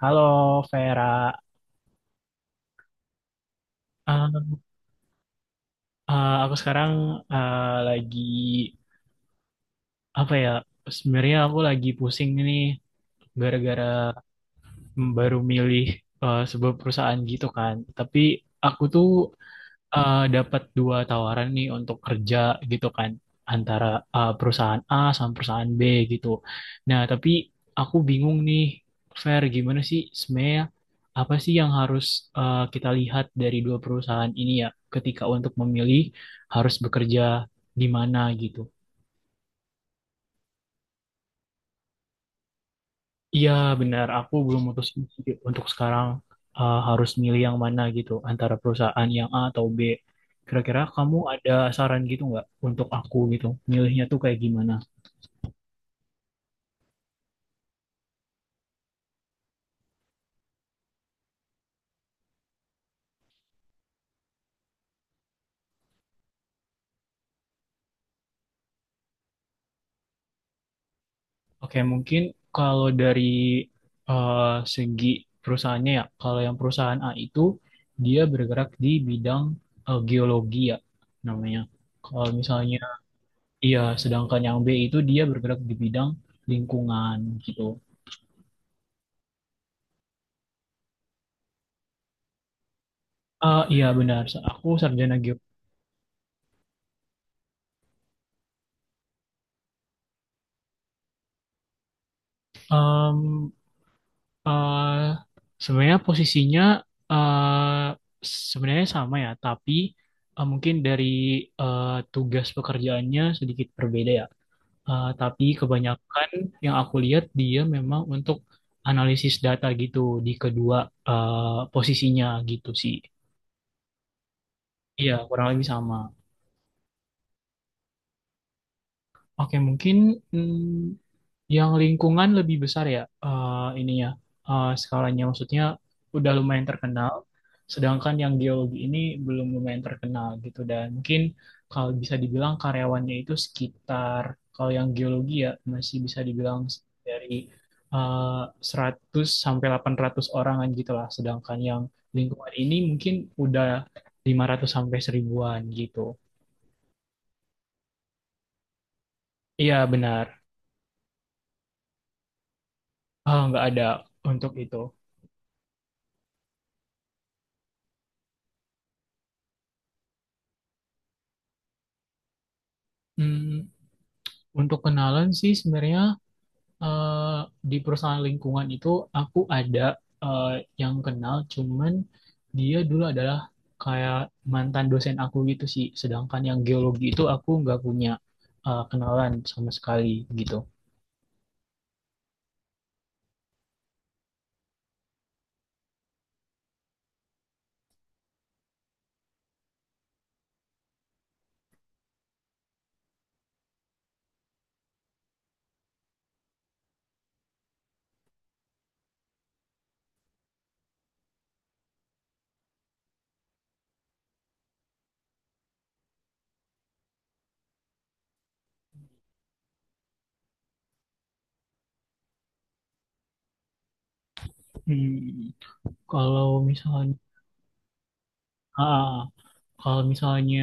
Halo Vera. Eh, aku sekarang eh, lagi apa ya? Sebenarnya aku lagi pusing nih gara-gara baru milih sebuah perusahaan gitu kan. Tapi aku tuh dapat dua tawaran nih untuk kerja gitu kan antara perusahaan A sama perusahaan B gitu. Nah, tapi aku bingung nih, Fer, gimana sih sebenarnya apa sih yang harus kita lihat dari dua perusahaan ini ya ketika untuk memilih harus bekerja di mana gitu. Iya benar, aku belum mutusin sih untuk sekarang, harus milih yang mana gitu antara perusahaan yang A atau B. Kira-kira kamu ada saran gitu nggak untuk aku gitu, milihnya tuh kayak gimana? Oke, mungkin kalau dari uh, segi perusahaannya ya, kalau yang perusahaan A itu dia bergerak di bidang geologi ya namanya. Kalau misalnya iya, sedangkan yang B itu dia bergerak di bidang lingkungan gitu. Ah iya benar, aku sarjana geologi. Em, eh, Sebenarnya posisinya eh, sebenarnya sama ya, tapi mungkin dari eh, tugas pekerjaannya sedikit berbeda ya. Tapi kebanyakan yang aku lihat dia memang untuk analisis data gitu di kedua posisinya gitu sih. Iya, kurang lebih sama. Oke, mungkin, hmm, yang lingkungan lebih besar ya, ininya skalanya maksudnya udah lumayan terkenal. Sedangkan yang geologi ini belum lumayan terkenal gitu dan mungkin kalau bisa dibilang karyawannya itu sekitar, kalau yang geologi ya masih bisa dibilang dari eh, 100 sampai 800 orangan gitu lah. Sedangkan yang lingkungan ini mungkin udah 500 sampai seribuan gitu. Iya benar. Ah, nggak ada untuk itu. Hmm. Untuk kenalan sih sebenarnya eh, di perusahaan lingkungan itu aku ada eh, yang kenal, cuman dia dulu adalah kayak mantan dosen aku gitu sih. Sedangkan yang geologi itu aku nggak punya kenalan sama sekali gitu. Hmm. Kalau misalnya, ah, kalau misalnya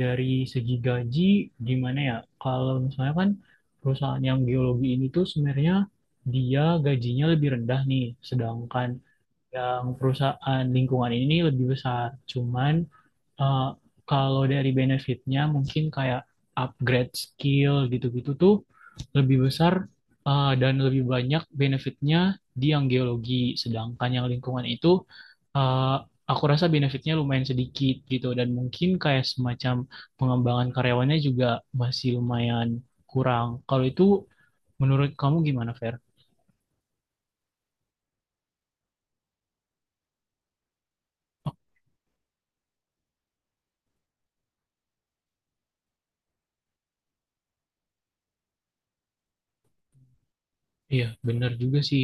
dari segi gaji, gimana ya? Kalau misalnya kan perusahaan yang geologi ini tuh sebenarnya dia gajinya lebih rendah nih, sedangkan yang perusahaan lingkungan ini lebih besar. Cuman uh, kalau dari benefitnya mungkin kayak upgrade skill gitu-gitu tuh lebih besar dan lebih banyak benefitnya di yang geologi. Sedangkan yang lingkungan itu, uh, aku rasa benefitnya lumayan sedikit gitu dan mungkin kayak semacam pengembangan karyawannya juga masih lumayan kurang. Kalau itu menurut kamu gimana, Fer? Iya, benar juga sih.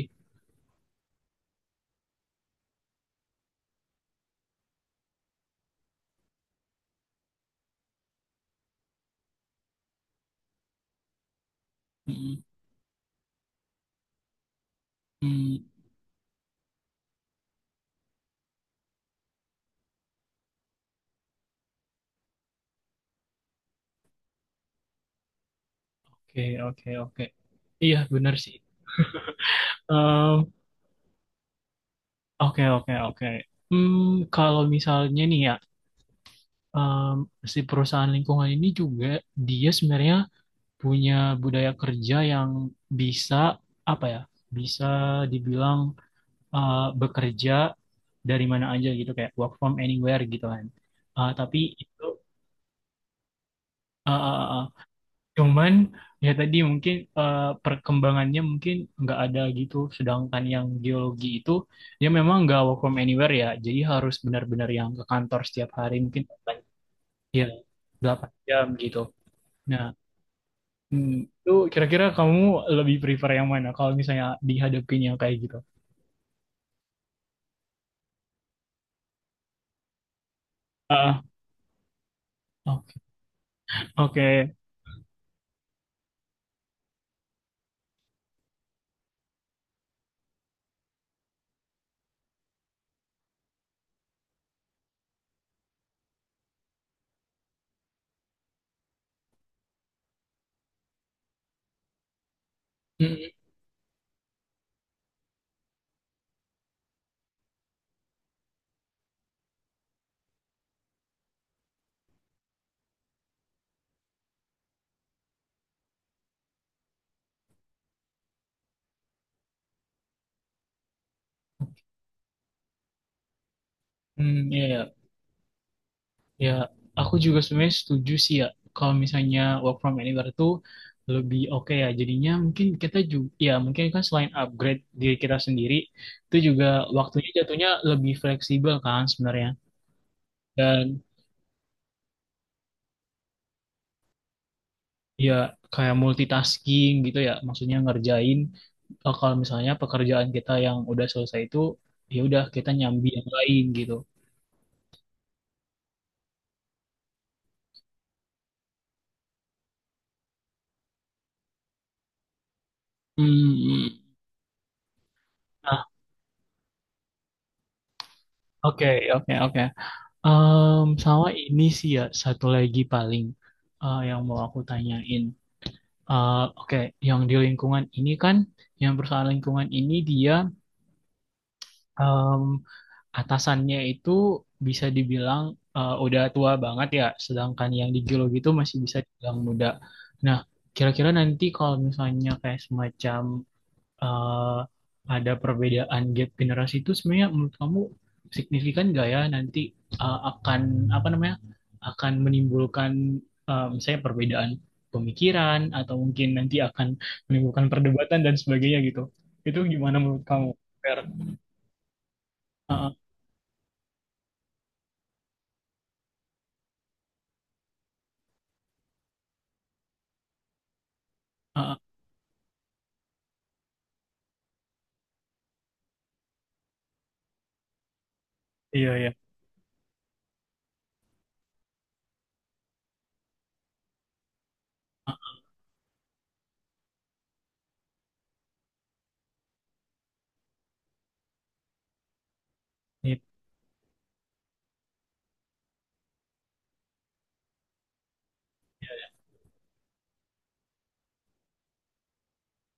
Mm, mm. Oke, oke, oke. Iya, benar sih. Em. Oke, oke, oke. Hmm, kalau misalnya nih ya, em, si perusahaan lingkungan ini juga dia sebenarnya punya budaya kerja yang bisa apa ya? Bisa dibilang bekerja dari mana aja gitu kayak work from anywhere gitu kan. Tapi itu eh, eh, eh, cuman ya tadi mungkin perkembangannya mungkin nggak ada gitu. Sedangkan yang geologi itu dia memang nggak work from anywhere ya. Jadi harus benar-benar yang ke kantor setiap hari mungkin delapan- ya delapan jam gitu. Nah, hmm, itu kira-kira kamu lebih prefer yang mana kalau misalnya dihadapin yang kayak gitu? Ah, oke. Oke. Hmm, hmm, iya, iya. Ya, aku juga sebenarnya setuju sih ya kalau misalnya work from anywhere itu lebih oke ya. Jadinya mungkin kita juga ya mungkin kan selain upgrade diri kita sendiri itu juga waktunya jatuhnya lebih fleksibel kan sebenarnya. Dan ya kayak multitasking gitu ya, maksudnya ngerjain kalau misalnya pekerjaan kita yang udah selesai itu ya udah kita nyambi yang lain gitu. Hmm. Nah, oke, oke, oke. Em, sama ini sih ya satu lagi paling yang mau aku tanyain. Eh, Oke, yang di lingkungan ini kan, yang perusahaan lingkungan ini dia em, atasannya itu bisa dibilang udah tua banget ya, sedangkan yang di geologi itu masih bisa dibilang muda. Nah, kira-kira nanti kalau misalnya kayak semacam eh, ada perbedaan gap generasi itu sebenarnya menurut kamu signifikan nggak ya nanti akan apa namanya akan menimbulkan misalnya perbedaan pemikiran atau mungkin nanti akan menimbulkan perdebatan dan sebagainya gitu. Itu gimana menurut kamu, Fer? Ah, ah, ah, ah. Iya, iya. Ah, iya.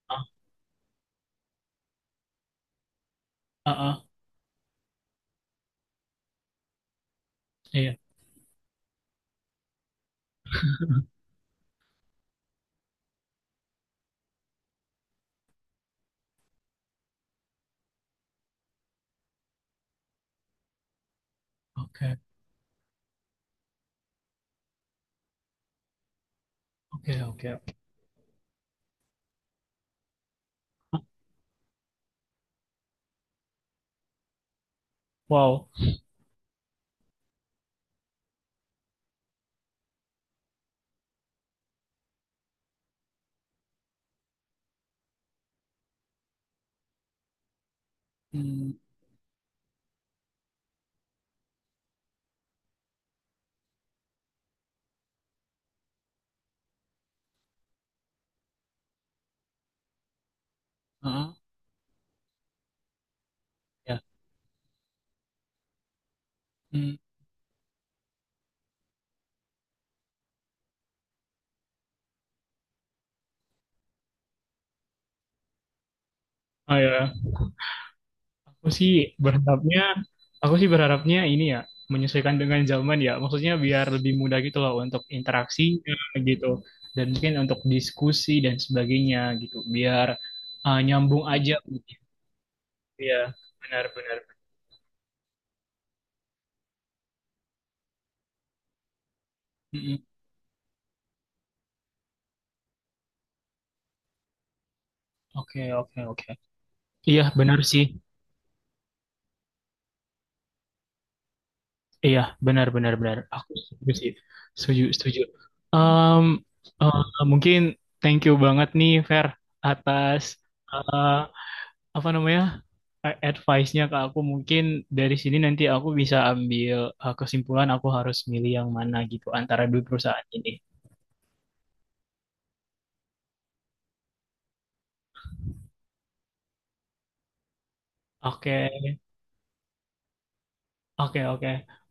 Ah, ah, ah. Iya. Oke, oke, oke. Wow. Hmm, ah, ah. Ya. Hmm. Ah, ya. Aku sih berharapnya, aku sih berharapnya ini ya, menyesuaikan dengan zaman ya. Maksudnya biar lebih mudah gitu loh untuk interaksinya gitu. Dan mungkin untuk diskusi dan sebagainya gitu. Biar nyambung aja gitu ya. Benar-benar. Mm-mm. Oke, oke, oke. Iya, benar sih. Iya, benar, benar, benar. Aku setuju sih. Setuju, setuju. Um, uh, Mungkin thank you banget nih, Fer, atas ah, apa namanya a- advice-nya ke aku. Mungkin dari sini nanti aku bisa ambil kesimpulan aku harus milih yang mana gitu antara dua perusahaan ini. Oke, oke, oke.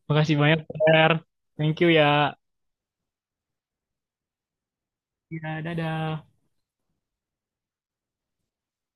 Makasih banyak, Fer. Thank you ya. Ya, dadah.